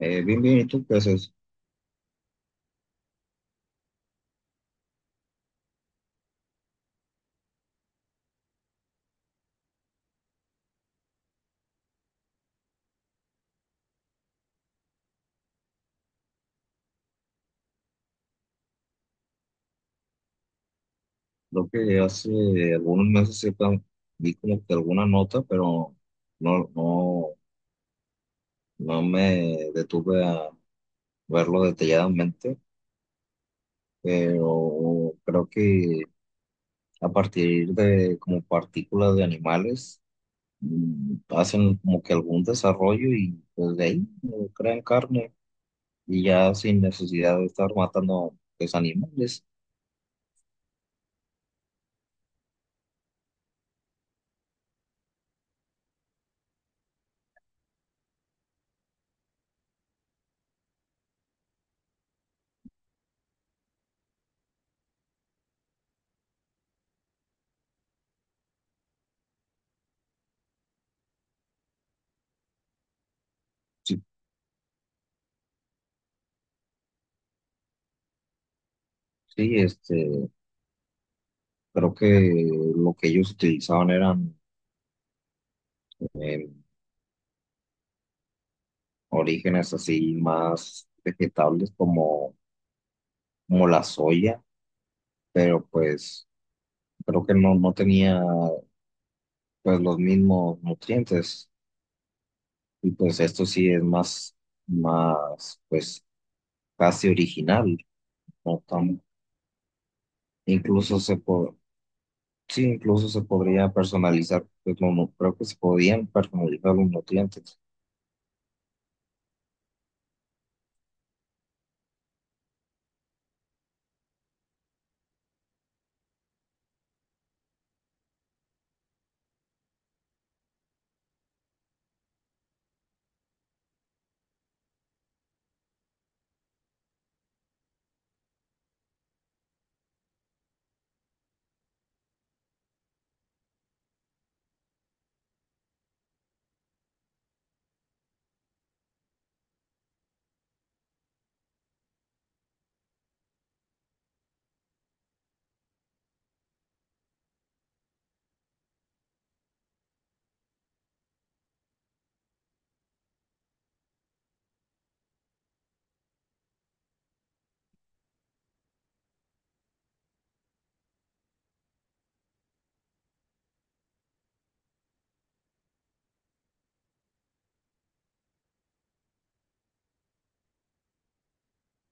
Bien, bien, ¿y tú qué haces? Creo que hace algunos meses sí vi como que alguna nota, pero no, no, no me detuve a verlo detalladamente, pero creo que a partir de como partículas de animales hacen como que algún desarrollo y pues de ahí crean carne y ya sin necesidad de estar matando pues animales. Sí, sí, este, creo que lo que ellos utilizaban eran eh, orígenes así más vegetables como la soya, pero pues creo que no, no tenía pues los mismos nutrientes y pues esto sí es más pues casi original, ¿no? Incluso se sí, incluso se podría personalizar, pues, no, no, creo que se podían personalizar los nutrientes.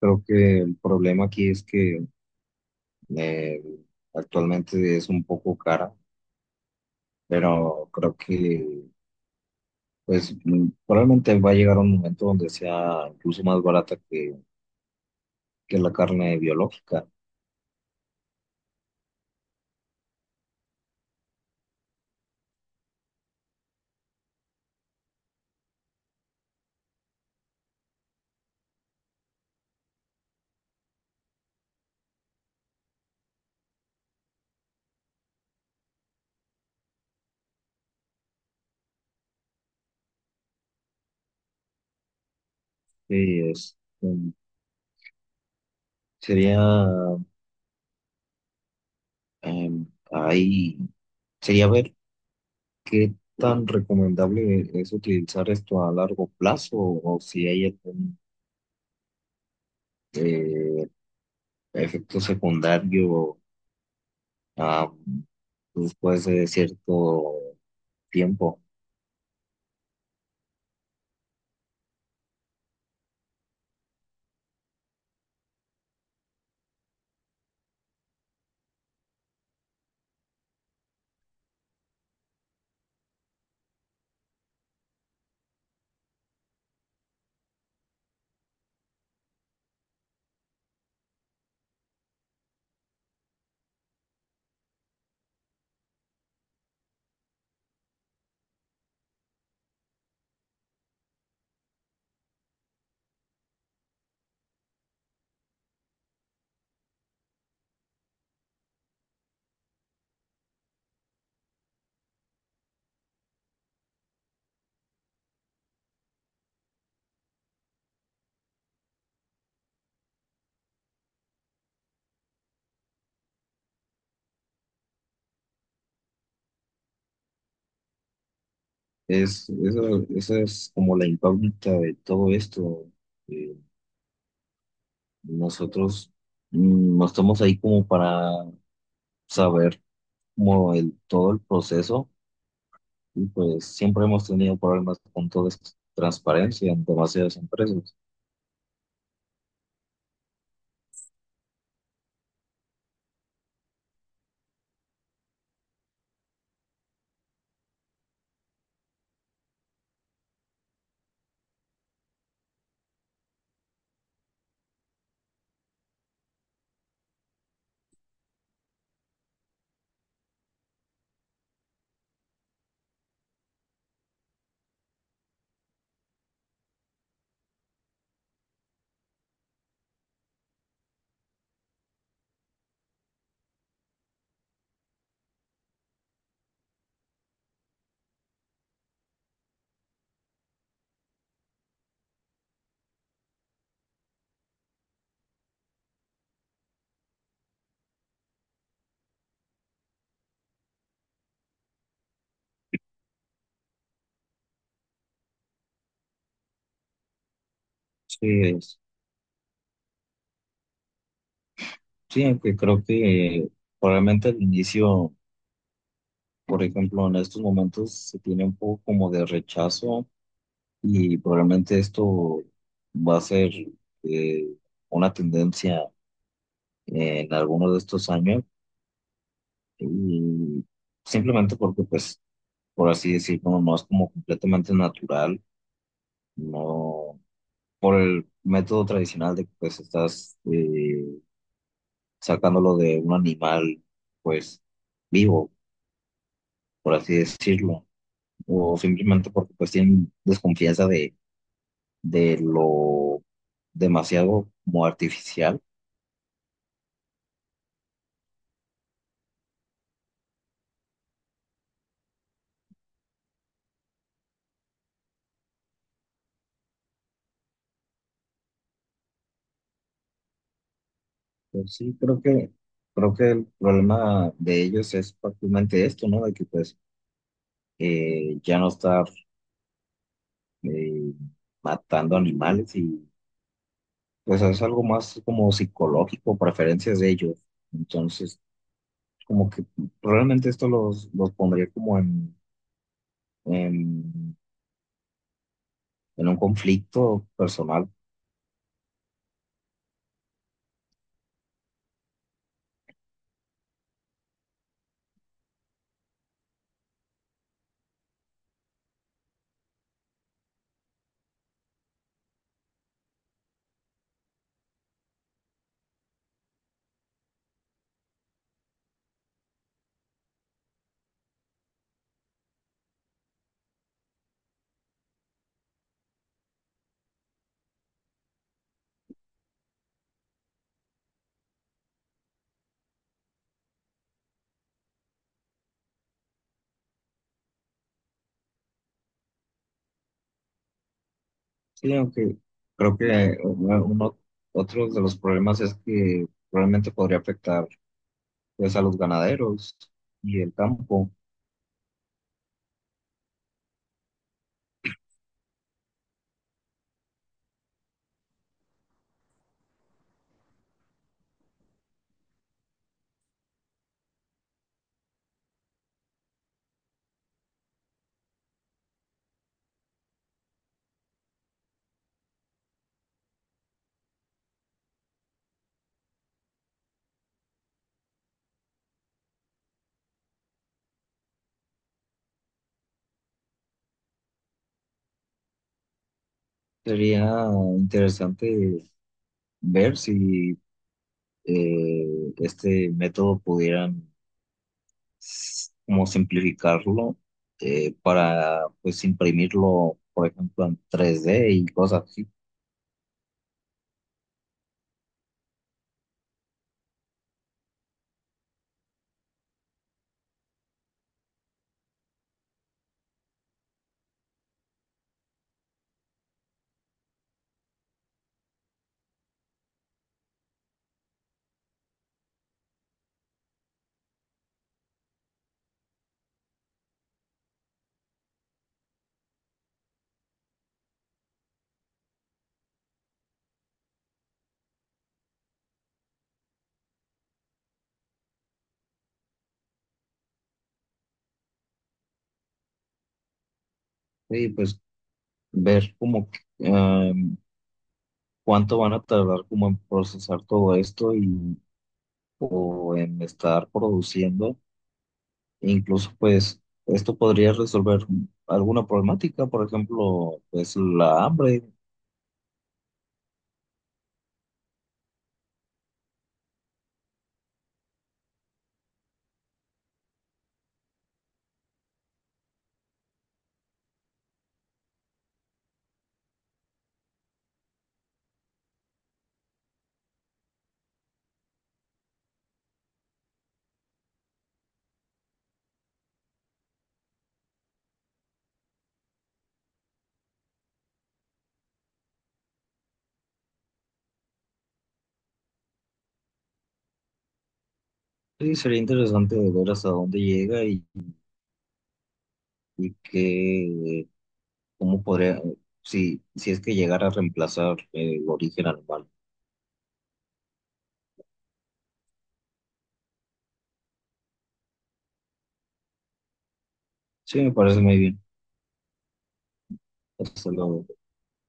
Creo que el problema aquí es que eh, actualmente es un poco cara, pero creo que pues probablemente va a llegar un momento donde sea incluso más barata que la carne biológica. Sí, mm, sería, em, ahí, sería ver qué tan recomendable es utilizar esto a largo plazo o si hay algún eh, efecto secundario, ah, después de cierto tiempo. Eso, esa es como la incógnita de todo esto. eh, Nosotros, no estamos ahí como para saber como todo el proceso y pues siempre hemos tenido problemas con toda esta transparencia en demasiadas empresas. Sí, sí, aunque creo que probablemente al inicio, por ejemplo, en estos momentos se tiene un poco como de rechazo y probablemente esto va a ser, eh, una tendencia en algunos de estos años y simplemente porque pues, por así decirlo, no es como completamente natural, no por el método tradicional de que pues estás sacándolo de un animal pues vivo, por así decirlo, o simplemente porque pues tienen desconfianza de lo demasiado como artificial. Pues sí, creo que el problema de ellos es prácticamente esto, ¿no? De que pues ya no estar eh, matando animales pues es algo más como psicológico, preferencias de ellos. Entonces, como que probablemente esto los pondría como en, en un conflicto personal. Sí, aunque creo que otro de los problemas es que probablemente podría afectar pues a los ganaderos y el campo. Sería interesante ver si este método pudieran como simplificarlo, para pues imprimirlo, por ejemplo, en 3D y cosas así. Y pues ver como que, em, cuánto van a tardar como en procesar todo esto y o en estar produciendo. E incluso pues esto podría resolver alguna problemática, por ejemplo, pues la hambre. Sí, sería interesante ver hasta dónde llega y qué, cómo podría, si, si es que llegara a reemplazar el origen animal. Sí, me parece muy bien. Hasta luego.